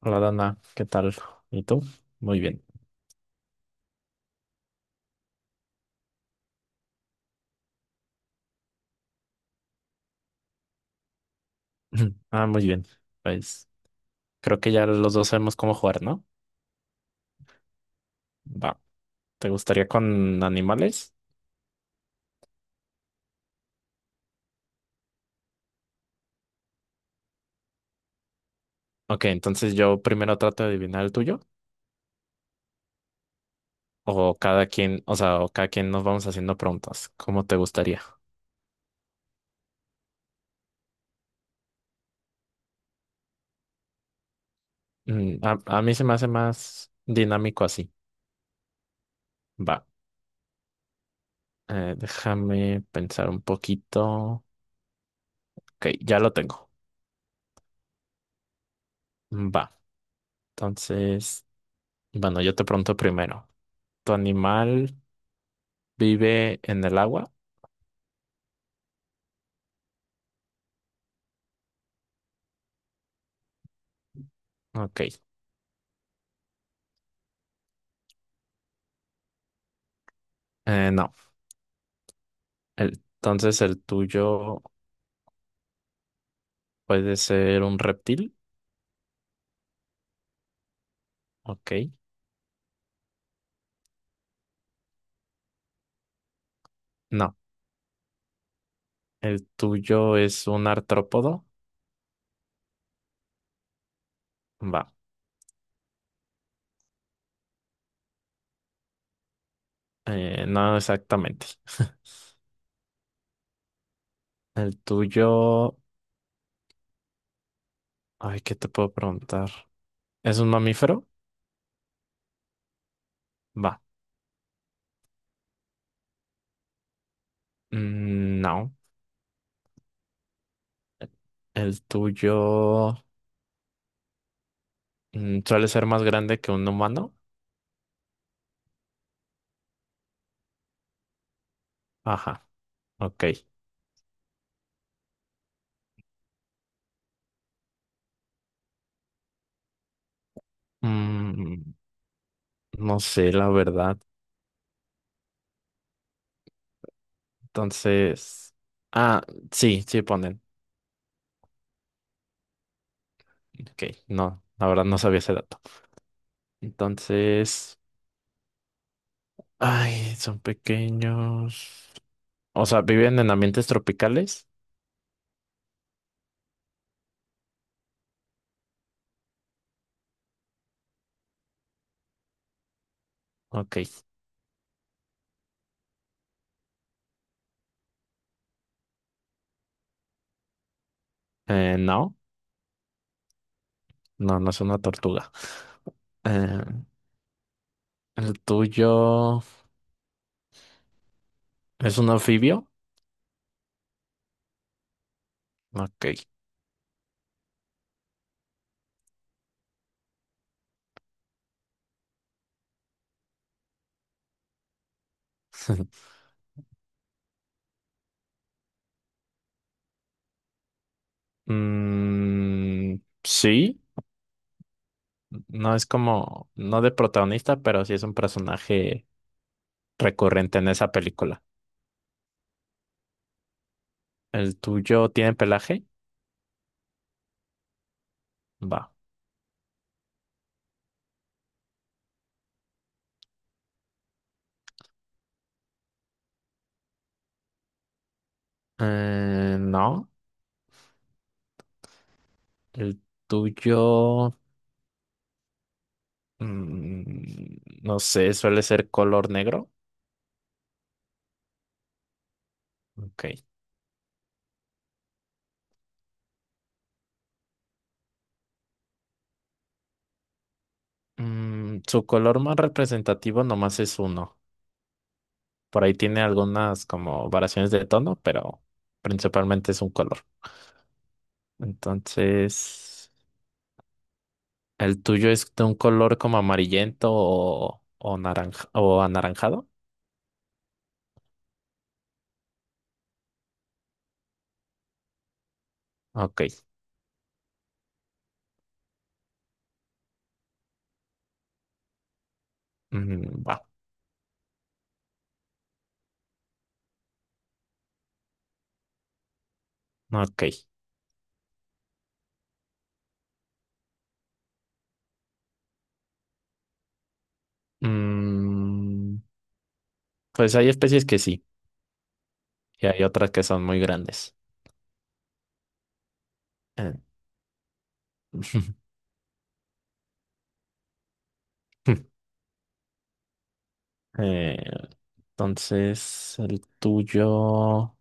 Hola Dana, ¿qué tal? ¿Y tú? Muy bien. Ah, muy bien. Pues creo que ya los dos sabemos cómo jugar, ¿no? Va. ¿Te gustaría con animales? Ok, entonces yo primero trato de adivinar el tuyo. O cada quien, o sea, o cada quien nos vamos haciendo preguntas. ¿Cómo te gustaría? A mí se me hace más dinámico así. Va. Déjame pensar un poquito. Ok, ya lo tengo. Va. Entonces, bueno, yo te pregunto primero. ¿Tu animal vive en el agua? Ok, no. Entonces el tuyo puede ser un reptil. Ok, no. El tuyo es un artrópodo. Va, no exactamente. El tuyo, ay, ¿qué te puedo preguntar? ¿Es un mamífero? Va, mm, no. El tuyo, suele ser más grande que un humano. Ajá, ok. Mm, no sé, la verdad. Entonces, ah, sí, sí ponen. Ok, no, la verdad no sabía ese dato. Entonces, ay, son pequeños. O sea, ¿viven en ambientes tropicales? Ok, no, no es una tortuga. Eh, ¿El tuyo es un anfibio? Ok. Mm, sí, no es como, no de protagonista, pero sí es un personaje recurrente en esa película. ¿El tuyo tiene pelaje? Va. No. El tuyo, mm, no sé, suele ser color negro. Ok. Mm, su color más representativo nomás es uno. Por ahí tiene algunas como variaciones de tono, pero principalmente es un color. Entonces, ¿el tuyo es de un color como amarillento o naranja o anaranjado? Ok. Mm, va. Ok. Mm, pues hay especies que sí, y hay otras que son muy grandes. Eh, Eh, entonces, el tuyo.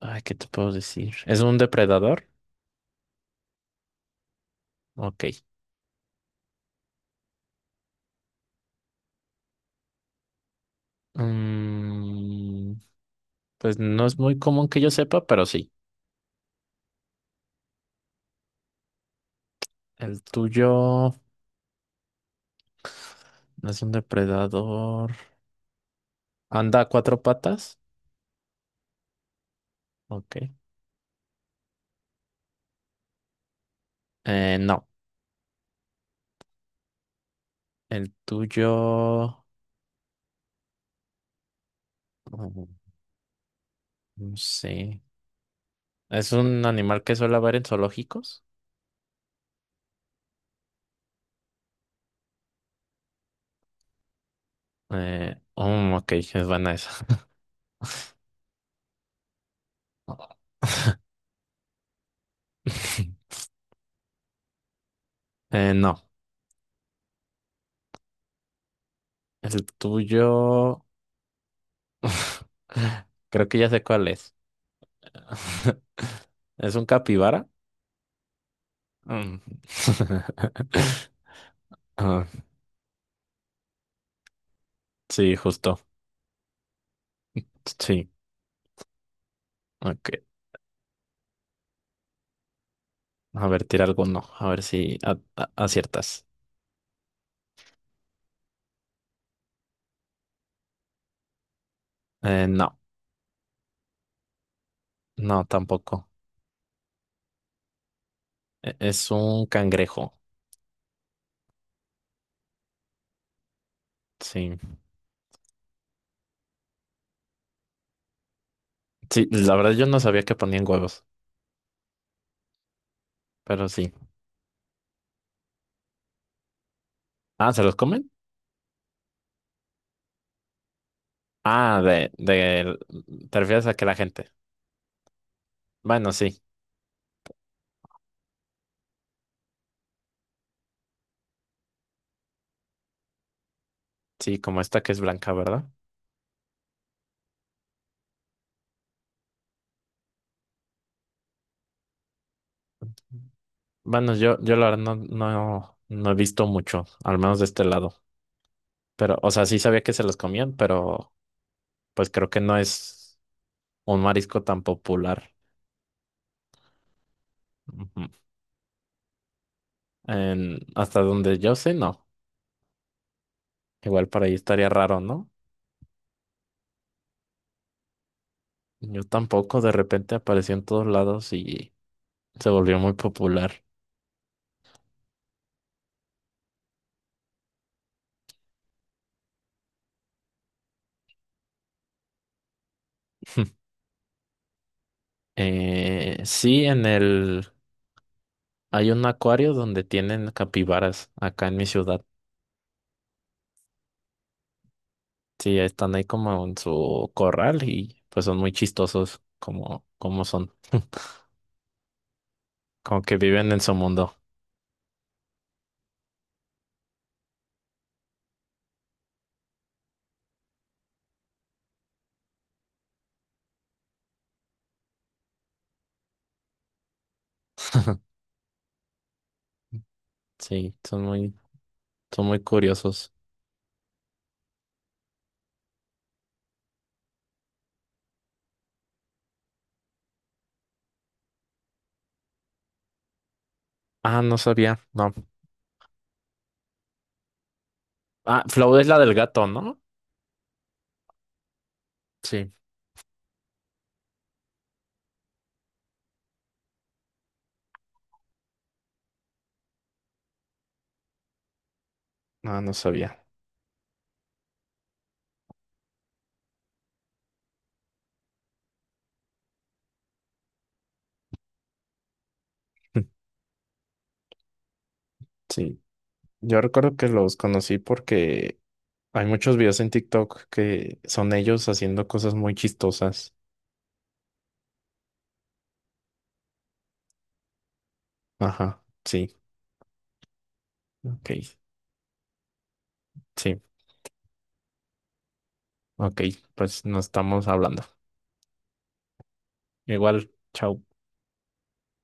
Ay, ¿qué te puedo decir? ¿Es un depredador? Ok. Mm, pues no es muy común que yo sepa, pero sí. El tuyo no es un depredador. ¿Anda a cuatro patas? Ok. No. El tuyo. mm, no sé. ¿Es un animal que suele haber en zoológicos? Ok, es buena esa. No. El tuyo. Creo que ya sé cuál es. ¿Es un capibara? Mm. Ah, sí, justo. Sí, ok. A ver, tira alguno. A ver si aciertas. No, no, tampoco. Es un cangrejo. Sí. Sí, la verdad yo no sabía que ponían huevos, pero sí. Ah, ¿se los comen? Ah, de, ¿te refieres a que la gente? Bueno, sí, sí, como esta que es blanca, ¿verdad? Bueno, yo la verdad no he visto mucho, al menos de este lado. Pero, o sea, sí sabía que se los comían, pero pues creo que no es un marisco tan popular. Ujú. En- hasta donde yo sé, no. Igual para ahí estaría raro, ¿no? Yo tampoco, de repente apareció en todos lados y se volvió muy popular. Sí, en el... Hay un acuario donde tienen capibaras acá en mi ciudad. Sí, están ahí como en su corral y pues son muy chistosos como, como son, como que viven en su mundo. Sí, son muy curiosos. Ah, no sabía, no. Ah, Flow es la del gato, ¿no? Sí, ah, no sabía. Sí, yo recuerdo que los conocí porque hay muchos videos en TikTok que son ellos haciendo cosas muy chistosas. Ajá, sí, ok, sí, ok, pues nos estamos hablando. Igual, chao.